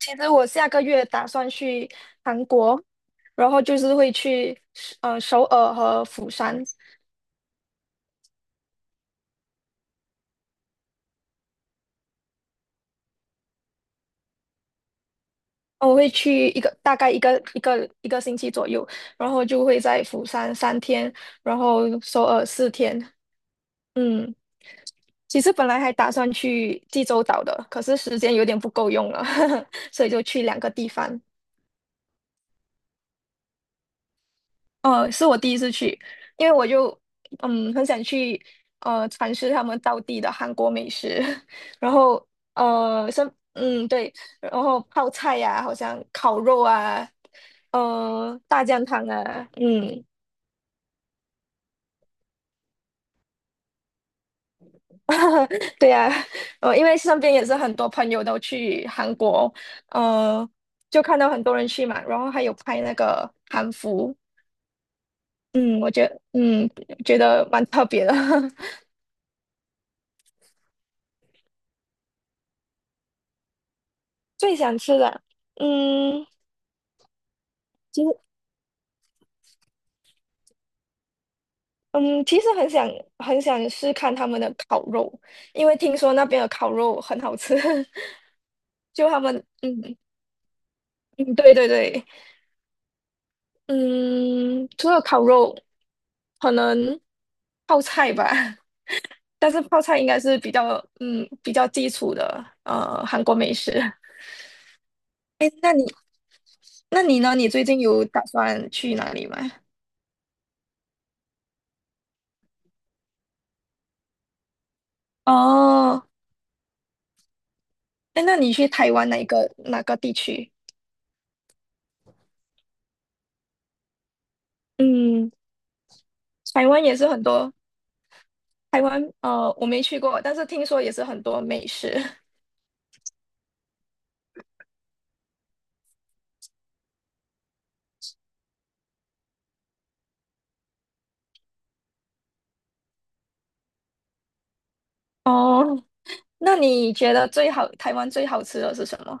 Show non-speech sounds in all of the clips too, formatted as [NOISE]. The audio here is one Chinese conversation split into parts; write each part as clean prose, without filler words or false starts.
其实我下个月打算去韩国，然后就是会去首尔和釜山。我会去大概一个星期左右，然后就会在釜山三天，然后首尔四天。嗯，其实本来还打算去济州岛的，可是时间有点不够用了，[LAUGHS] 所以就去两个地方。是我第一次去，因为我就嗯很想去尝试他们当地的韩国美食，[LAUGHS] 然后呃像嗯对，然后泡菜呀、好像烤肉啊，嗯大酱汤啊。嗯 [LAUGHS] 对呀、因为身边也是很多朋友都去韩国，呃就看到很多人去嘛，然后还有拍那个韩服。我觉得蛮特别的。[LAUGHS] 最想吃的。嗯，其实，嗯，其实很想试看他们的烤肉，因为听说那边的烤肉很好吃。[LAUGHS] 就他们，嗯嗯，对对对。嗯，除了烤肉，可能泡菜吧。[LAUGHS] 但是泡菜应该是比较，嗯，比较基础的韩国美食。哎，那你呢？你最近有打算去哪里吗？哦，哎，那你去台湾哪个地区？嗯，台湾也是很多。台湾，我没去过，但是听说也是很多美食。[LAUGHS] 哦，那你觉得台湾最好吃的是什么？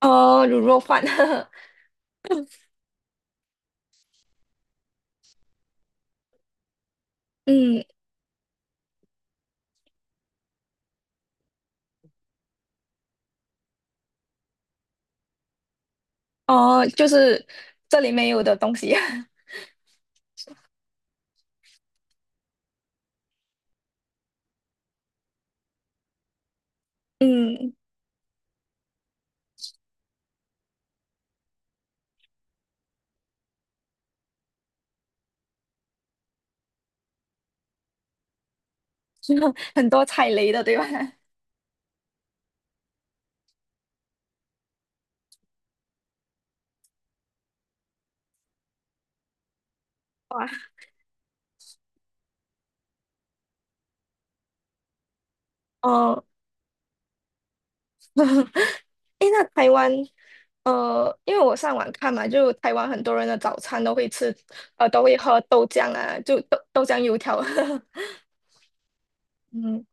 哦，卤肉饭。[LAUGHS] 嗯，哦，就是这里没有的东西。[LAUGHS] 嗯，[LAUGHS] 很多踩雷的，对吧？哇 [LAUGHS]，哦，诶，那台湾，因为我上网看嘛，就台湾很多人的早餐都会吃，都会喝豆浆啊，就豆浆油条。[LAUGHS] 嗯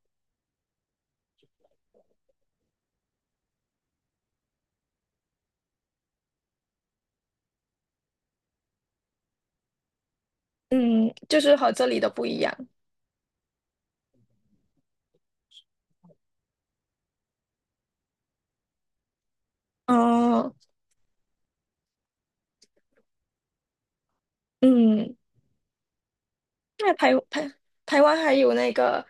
嗯，就是和这里的不一样。哦，嗯。那台湾还有那个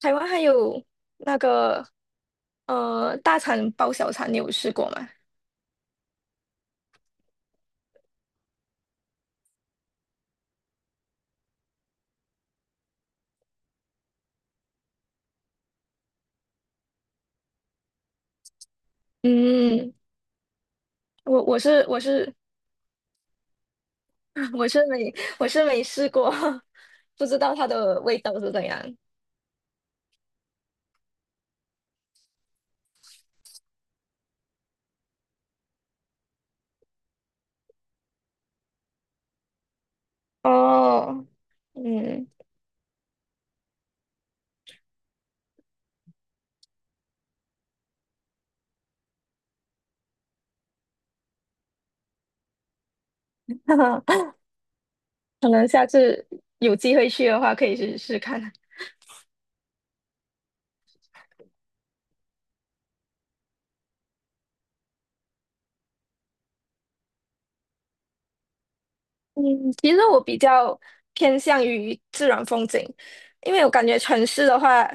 台湾还有那个大肠包小肠，你有试过吗？嗯，我我是我是 [LAUGHS] 我是没我是没试过，[LAUGHS] 不知道它的味道是怎样。哦，嗯，[LAUGHS] 可能下次有机会去的话，可以试试看。嗯，其实我比较偏向于自然风景，因为我感觉城市的话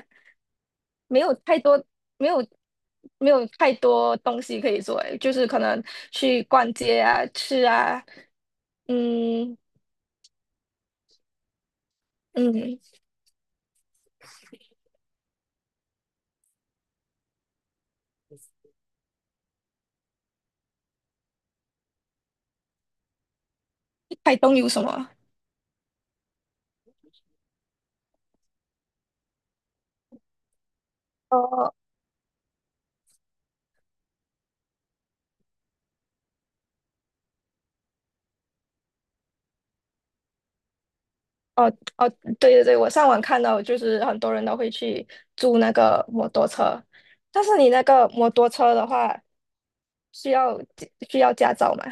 没有太多，没有没有太多东西可以做，诶就是可能去逛街啊、吃啊。嗯嗯，台东有什么？哦哦哦，对对对，我上网看到，就是很多人都会去租那个摩托车，但是你那个摩托车的话，需要需要驾照吗？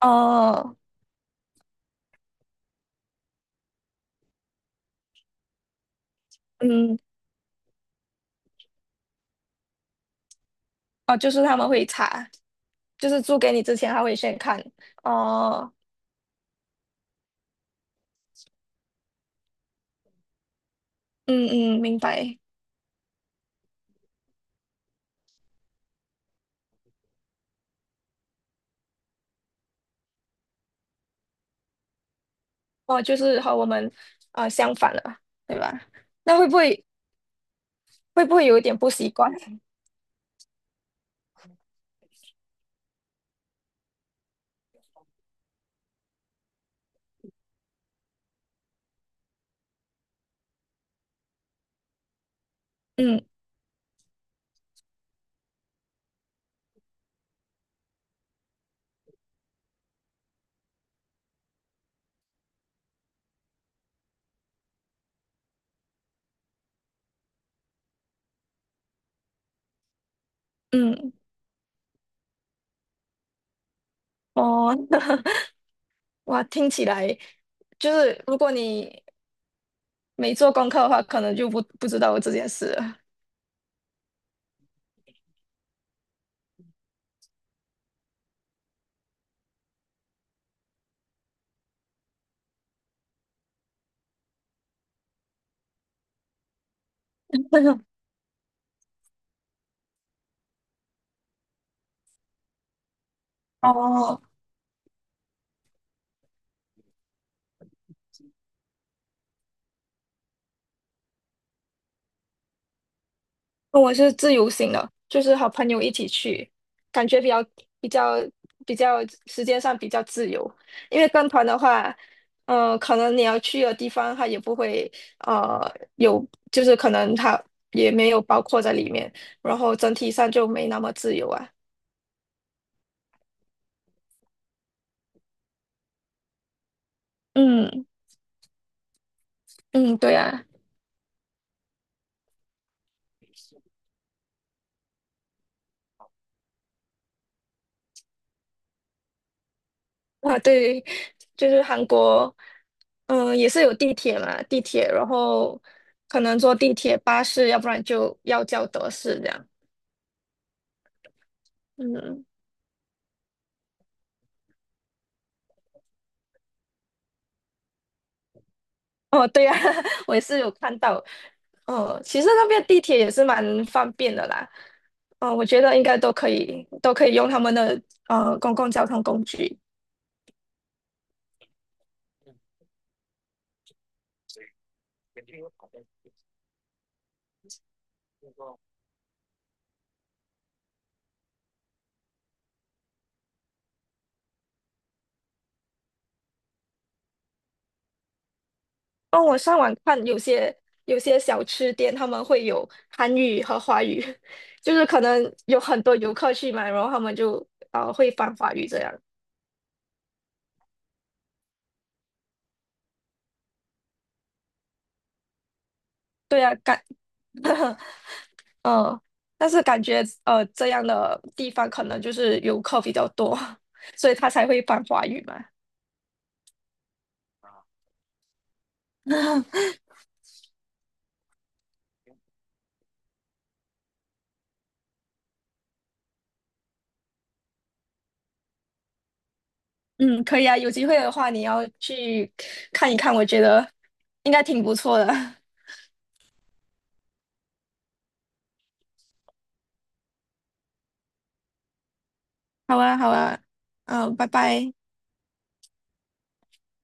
[LAUGHS] 哦，嗯，哦，就是他们会查，就是租给你之前他会先看。哦，嗯嗯，明白。哦，就是和我们相反了，对吧？那会不会会不会有一点不习惯？嗯嗯，哦，[LAUGHS] 哇，听起来就是如果你没做功课的话，可能就不知道有这件事了。[LAUGHS] 哦，我是自由行的，就是和朋友一起去，感觉比较比较时间上比较自由。因为跟团的话，可能你要去的地方它也不会呃有，就是可能它也没有包括在里面，然后整体上就没那么自由啊。嗯嗯，对啊，啊对，就是韩国，嗯、也是有地铁嘛，地铁，然后可能坐地铁、巴士，要不然就要叫德士这样。嗯。[LAUGHS] 哦，对呀、啊 [LAUGHS] 我也是有看到。哦，其实那边地铁也是蛮方便的啦。哦，我觉得应该都可以，都可以用他们的公共交通工具。哦，我上网看有些小吃店他们会有韩语和华语，[LAUGHS] 就是可能有很多游客去买，然后他们就会翻华语这样。对啊，感，[LAUGHS] 嗯，但是感觉这样的地方可能就是游客比较多，[LAUGHS] 所以他才会翻华语嘛。[LAUGHS] 嗯，可以啊，有机会的话你要去看一看，我觉得应该挺不错的。[LAUGHS] 好啊，好啊，嗯，拜拜。